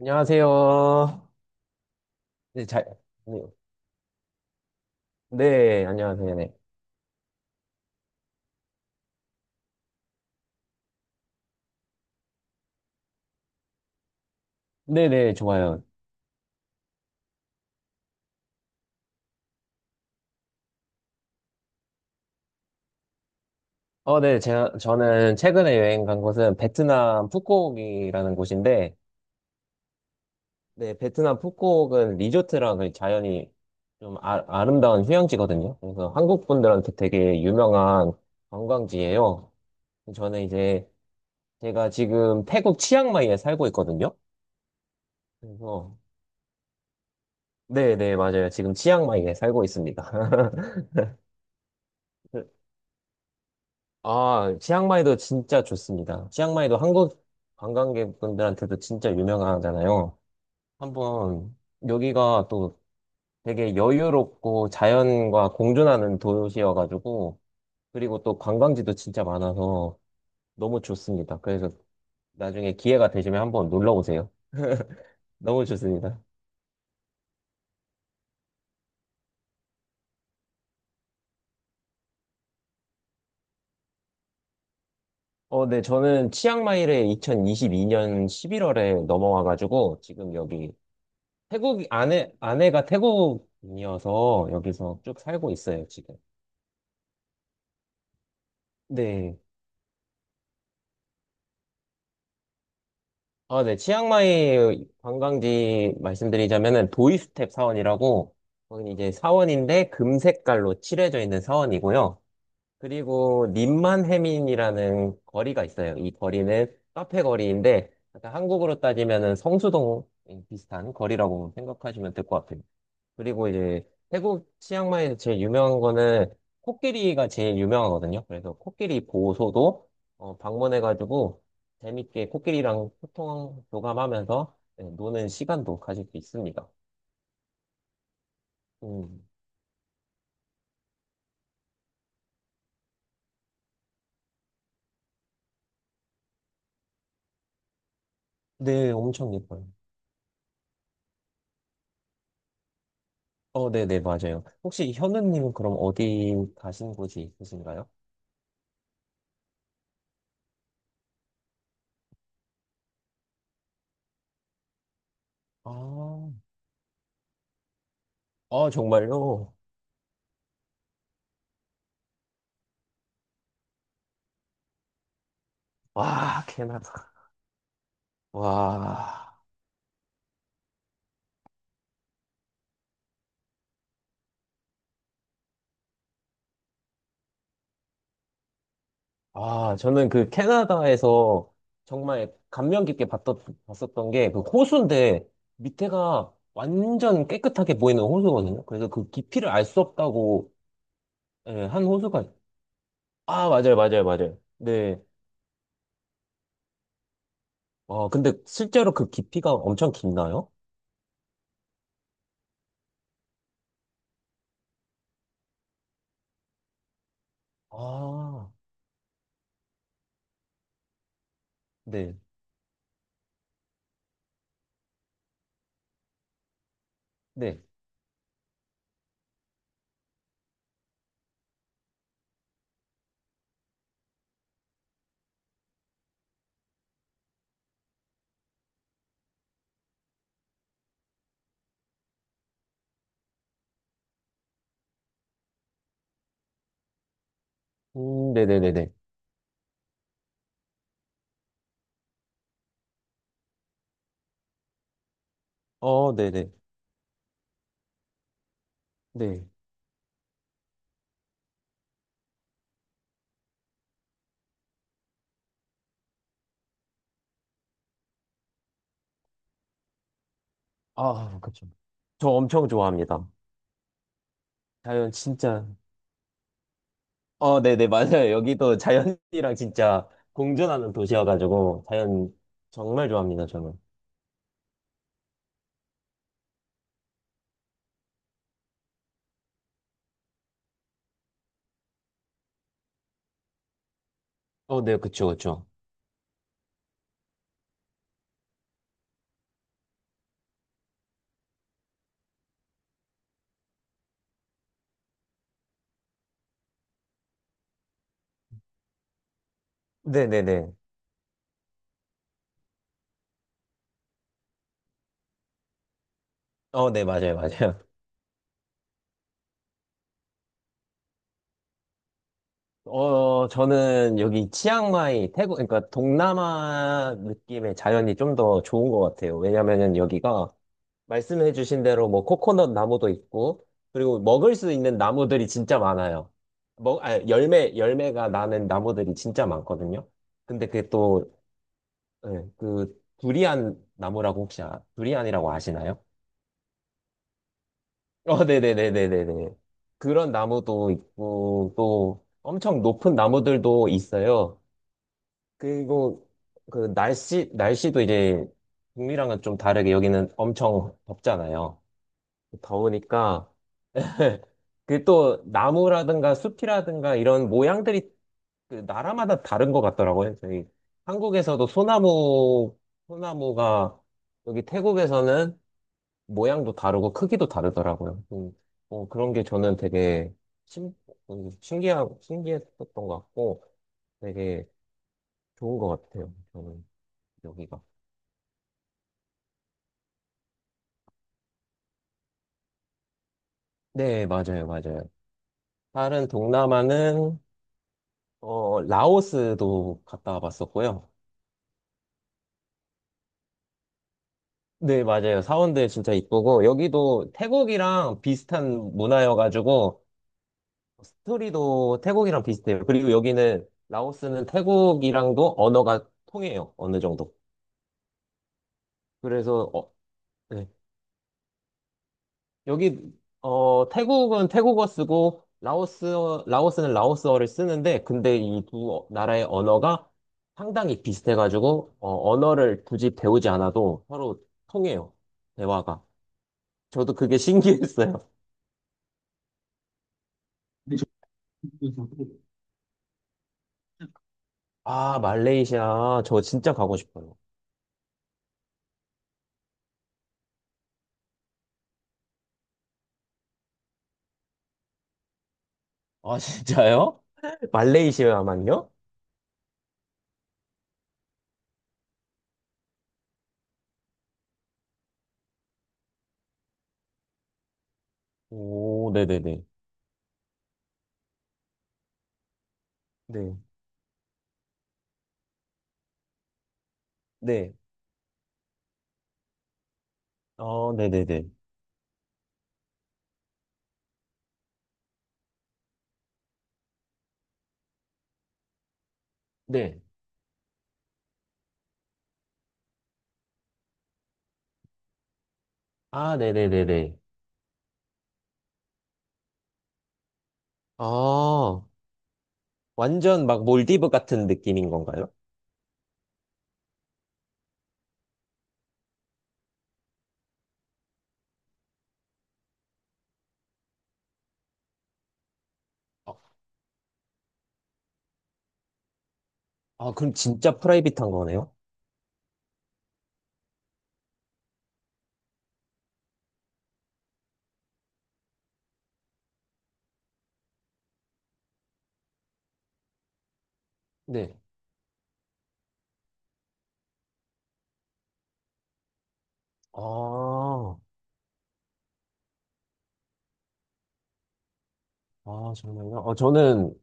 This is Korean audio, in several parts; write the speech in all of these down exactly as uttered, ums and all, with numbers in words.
안녕하세요. 네, 잘, 네, 네, 안녕하세요. 네. 네네, 좋아요. 어, 네, 제가, 저는 최근에 여행 간 곳은 베트남 푸꾸옥이라는 곳인데, 네, 베트남 푸꾸옥은 리조트랑 그 자연이 좀 아, 아름다운 휴양지거든요. 그래서 한국 분들한테 되게 유명한 관광지예요. 저는 이제, 제가 지금 태국 치앙마이에 살고 있거든요. 그래서, 네네, 맞아요. 지금 치앙마이에 살고 있습니다. 아, 치앙마이도 진짜 좋습니다. 치앙마이도 한국 관광객분들한테도 진짜 유명하잖아요. 한번 여기가 또 되게 여유롭고 자연과 공존하는 도시여가지고 그리고 또 관광지도 진짜 많아서 너무 좋습니다. 그래서 나중에 기회가 되시면 한번 놀러 오세요. 너무 좋습니다. 어, 네, 저는 치앙마이를 이천이십이 년 십일 월에 넘어와가지고 지금 여기 태국 아내 아내가 태국인이어서 여기서 쭉 살고 있어요, 지금. 네. 아, 네. 치앙마이 관광지 말씀드리자면은 도이스텝 사원이라고 거긴 이제 사원인데 금색깔로 칠해져 있는 사원이고요. 그리고 님만해민이라는 거리가 있어요. 이 거리는 카페 거리인데 약간 한국으로 따지면은 성수동 비슷한 거리라고 생각하시면 될 것 같아요. 그리고 이제 태국 치앙마이에서 제일 유명한 거는 코끼리가 제일 유명하거든요. 그래서 코끼리 보호소도 어, 방문해가지고 재밌게 코끼리랑 소통 교감하면서 네, 노는 시간도 가질 수 있습니다. 음, 네, 엄청 예뻐요. 어, 네, 네, 맞아요. 혹시 현우님은 그럼 어디 가신 곳이 있으신가요? 아, 아 정말요? 와, 캐나다. 와. 아, 저는 그 캐나다에서 정말 감명 깊게 봤던, 봤었던 게 그 호수인데 밑에가 완전 깨끗하게 보이는 호수거든요. 그래서 그 깊이를 알 수 없다고 예, 한 호수가, 아, 맞아요, 맞아요, 맞아요. 네. 아 근데 실제로 그 깊이가 엄청 깊나요? 아, 네, 네. 음, 네네네네. 어, 네네. 네. 아, 그쵸. 저 엄청 좋아합니다. 자연 진짜. 어, 네네, 맞아요. 여기도 자연이랑 진짜 공존하는 도시여가지고, 자연 정말 좋아합니다, 저는. 어, 네, 그쵸, 그쵸. 네네네. 어, 네, 맞아요, 맞아요. 어, 저는 여기 치앙마이, 태국, 그러니까 동남아 느낌의 자연이 좀 더 좋은 것 같아요. 왜냐면은 여기가 말씀해주신 대로 뭐 코코넛 나무도 있고, 그리고 먹을 수 있는 나무들이 진짜 많아요. 먹, 아, 열매, 열매가 나는 나무들이 진짜 많거든요. 근데 그게 또 네, 그 두리안 나무라고 혹시 아, 두리안이라고 아시나요? 어, 네네네네네네. 그런 나무도 있고 또 엄청 높은 나무들도 있어요. 그리고 그 날씨 날씨도 이제 북미랑은 좀 다르게 여기는 엄청 덥잖아요. 더우니까 그 또 나무라든가 숲이라든가 이런 모양들이 그 나라마다 다른 것 같더라고요. 저희 한국에서도 소나무 소나무가 여기 태국에서는 모양도 다르고 크기도 다르더라고요. 음, 어, 그런 게 저는 되게 신, 음, 신기하, 신기했었던 것 같고 되게 좋은 것 같아요. 저는 여기가. 네, 맞아요, 맞아요. 다른 동남아는 어, 라오스도 갔다 와봤었고요. 네, 맞아요. 사원들 진짜 이쁘고 여기도 태국이랑 비슷한 문화여가지고 스토리도 태국이랑 비슷해요. 그리고 여기는 라오스는 태국이랑도 언어가 통해요. 어느 정도. 그래서 어, 네. 여기 어 태국은 태국어 쓰고 라오스 라오스는 라오스어를 쓰는데 근데 이 두 나라의 언어가 상당히 비슷해가지고 어, 언어를 굳이 배우지 않아도 서로 통해요. 대화가. 저도 그게 신기했어요. 저 아, 말레이시아. 저 진짜 가고 싶어요. 아, 진짜요? 말레이시아만요? 오, 네네네. 네. 네. 어, 네네네. 네. 아, 네네네네. 아. 완전 막 몰디브 같은 느낌인 건가요? 아, 아, 그럼 진짜 프라이빗한 거네요? 네. 아, 아, 정말요? 어, 저는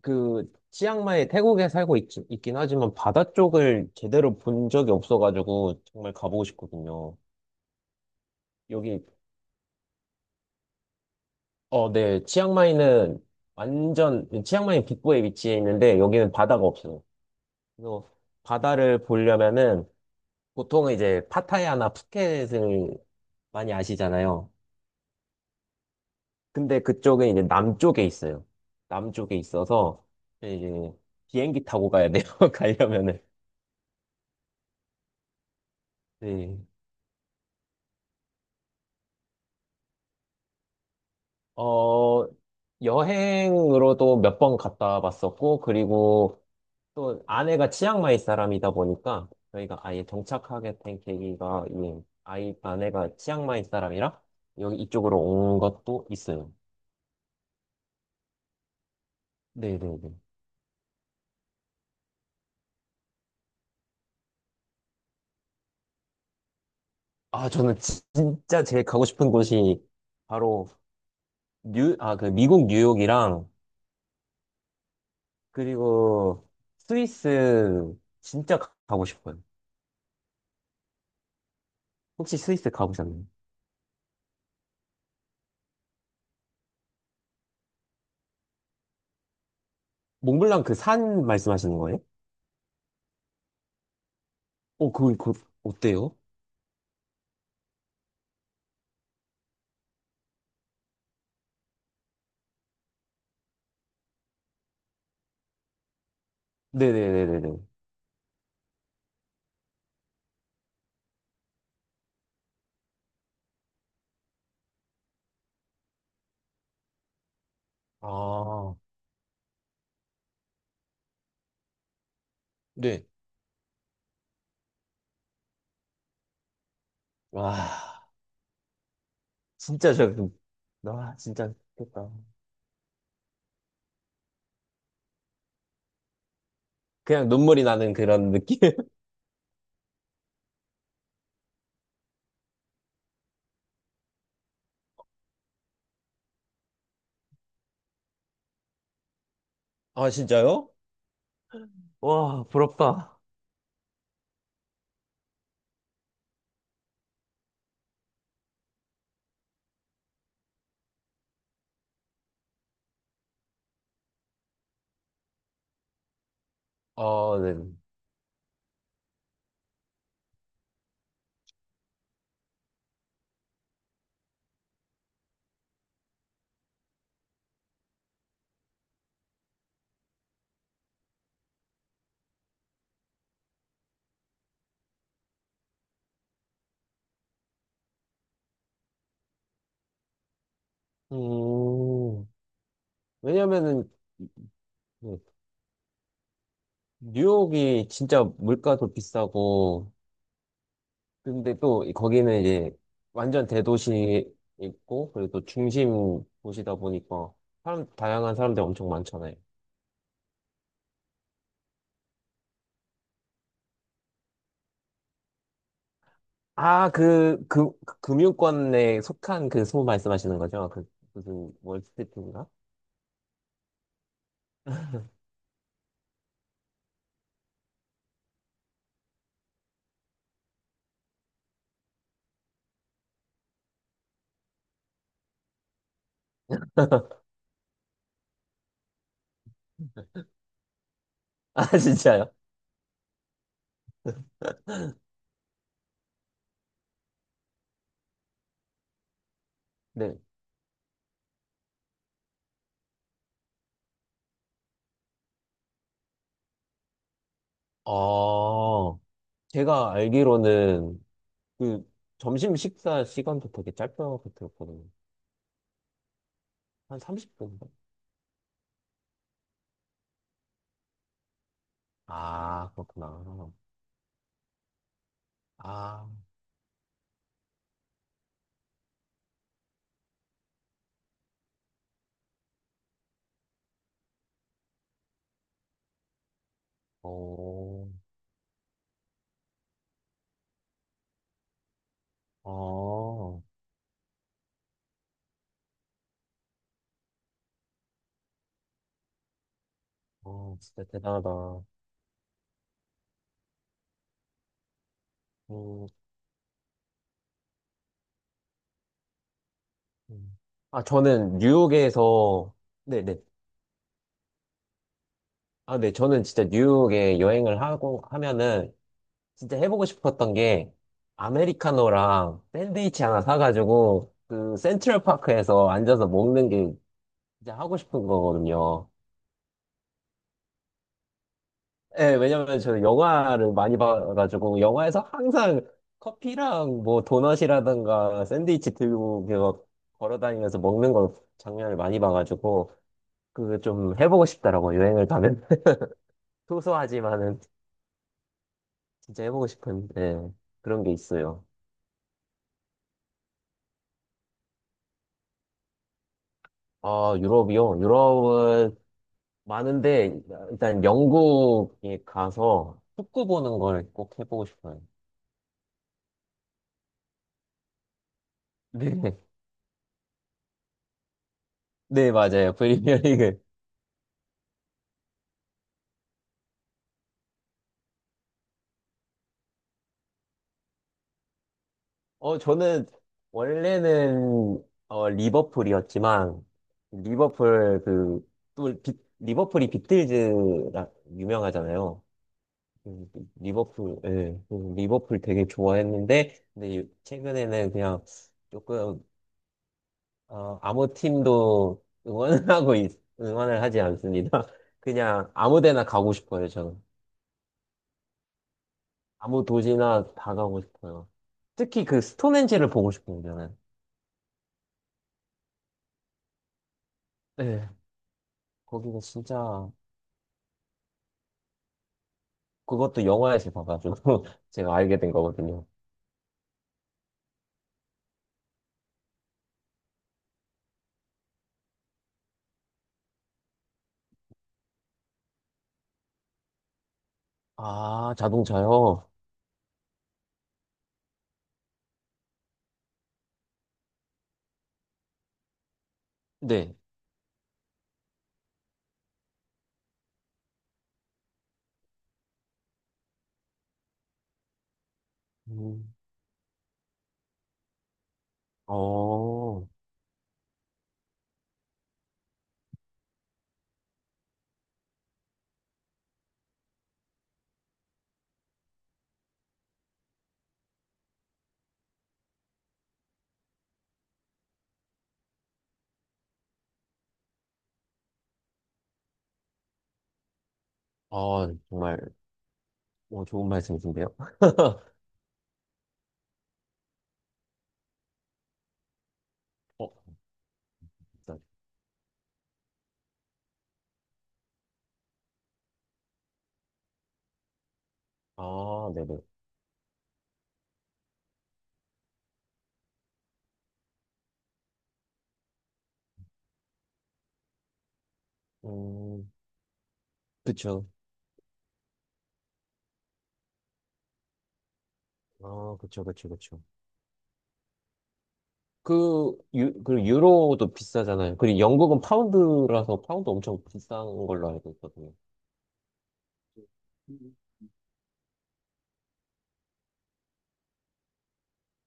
그 치앙마이 태국에 살고 있, 있긴 하지만 바다 쪽을 제대로 본 적이 없어가지고 정말 가보고 싶거든요. 여기, 어, 네. 치앙마이는 완전, 치앙마이 북부에 위치해 있는데 여기는 바다가 없어요. 그래서 바다를 보려면은 보통은 이제 파타야나 푸켓을 많이 아시잖아요. 근데 그쪽은 이제 남쪽에 있어요. 남쪽에 있어서 이제 비행기 타고 가야 돼요. 가려면은. 네. 어, 여행으로도 몇 번 갔다 봤었고 그리고 또 아내가 치앙마이 사람이다 보니까 저희가 아예 정착하게 된 계기가 이 아이 아내가 치앙마이 사람이라 여기 이쪽으로 온 것도 있어요. 네, 네, 네. 아, 저는 지- 진짜 제일 가고 싶은 곳이 바로 뉴, 아, 그 미국 뉴욕이랑 그리고 스위스 진짜 가- 가고 싶어요. 혹시 스위스 가보셨나요? 몽블랑 그 산 말씀하시는 거예요? 어, 그, 그, 어때요? 네네네네네. 아, 네. 와, 진짜 저, 그- 나 진짜 좋겠다. 그냥 눈물이 나는 그런 느낌? 아, 진짜요? 와, 부럽다. 아 네. 음, 왜냐면은, 뉴욕이 진짜 물가도 비싸고, 근데 또 거기는 이제 완전 대도시 있고 그리고 또 중심 도시다 보니까 사람 다양한 사람들 엄청 많잖아요. 아, 그, 그, 그 금융권에 속한 그 소문 말씀하시는 거죠? 그 무슨 월스트리트인가? 아, 진짜요? 네. 아, 제가 알기로는 그 점심 식사 시간도 되게 짧다고 들었거든요. 한 삼십 분인가? 아, 그렇구나. 아, 오, 어. 아. 어, 진짜 대단하다. 음, 음. 아, 저는 뉴욕에서, 네네. 아, 네. 저는 진짜 뉴욕에 여행을 하고, 하면은, 진짜 해보고 싶었던 게, 아메리카노랑 샌드위치 하나 사가지고, 그, 센트럴파크에서 앉아서 먹는 게 진짜 하고 싶은 거거든요. 예, 왜냐면 저는 영화를 많이 봐가지고, 영화에서 항상 커피랑 뭐 도넛이라든가 샌드위치 들고, 그거 걸어 다니면서 먹는 걸 장면을 많이 봐가지고, 그거 좀 해보고 싶더라고, 여행을 가면. 소소하지만은 진짜 해보고 싶은 예, 그런 게 있어요. 아, 유럽이요? 유럽은 많은데, 일단 영국에 가서 축구 보는 걸 꼭 해보고 싶어요. 네, 네, 맞아요. 프리미어리그. 어, 저는 원래는 어, 리버풀이었지만, 리버풀 그, 또 비- 리버풀이 비틀즈라 유명하잖아요. 음, 리버풀, 예, 음, 리버풀 되게 좋아했는데, 근데 요- 최근에는 그냥 조금, 어, 아무 팀도 응원하고, 있- 응원을 하지 않습니다. 그냥 아무 데나 가고 싶어요, 저는. 아무 도시나 다 가고 싶어요. 특히 그 스톤헨지를 보고 싶어요, 저는. 네. 거기가 진짜, 그것도 영화에서 봐가지고 제가 알게 된 거거든요. 아, 자동차요? 네. 음. 어, 아, 정말. 뭐 좋은 말씀이신데요. 어, 일단. 아, 네네. 음, 그쵸. 아, 그쵸, 그쵸, 그쵸. 그, 유, 그리고 유로도 비싸잖아요. 그리고 영국은 파운드라서 파운드 엄청 비싼 걸로 알고 있거든요.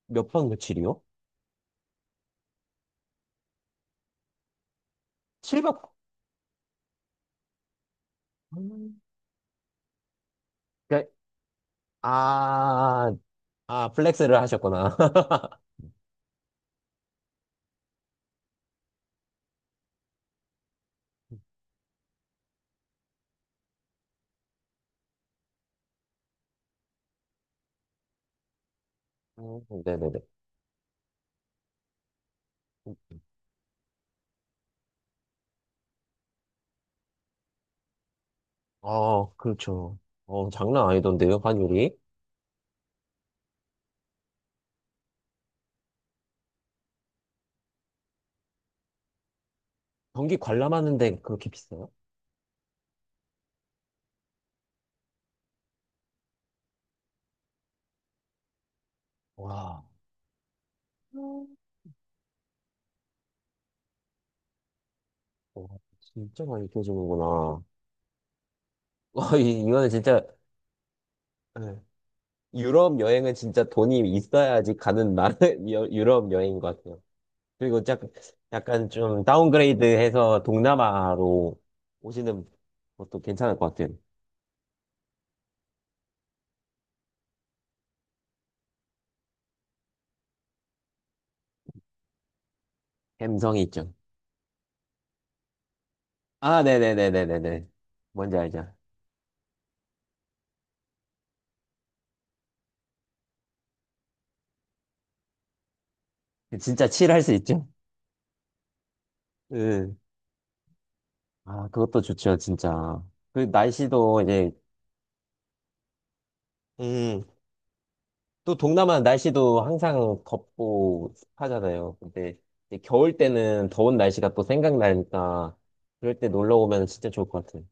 몇박 며칠이요? 칠 박? 아, 아, 플렉스를 하셨구나. 음, 네네네. 아, 그렇죠. 어, 장난 아니던데요, 환율이? 경기 관람하는데 그렇게 비싸요? 와. 와, 진짜 많이 껴주는구나. 와, 이, 이거는 진짜, 네. 유럽 여행은 진짜 돈이 있어야지 가는 나라, 여- 유럽 여행인 것 같아요. 그리고 짝, 약간 좀 다운그레이드 해서 동남아로 오시는 것도 괜찮을 것 같아요. 갬성이 있죠. 아, 네네네네네네. 뭔지 알죠? 진짜 칠할 수 있죠? 응. 아, 그것도 좋죠, 진짜. 그 날씨도 이제, 음. 또 동남아 날씨도 항상 덥고 습하잖아요. 근데 이제 겨울 때는 더운 날씨가 또 생각나니까 그럴 때 놀러 오면 진짜 좋을 것 같아요.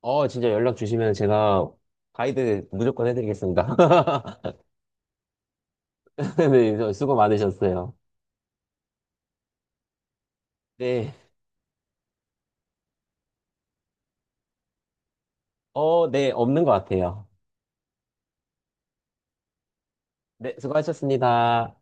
어, 진짜 연락 주시면 제가 가이드 무조건 해드리겠습니다. 네, 수고 많으셨어요. 네. 어, 네, 없는 것 같아요. 네, 수고하셨습니다.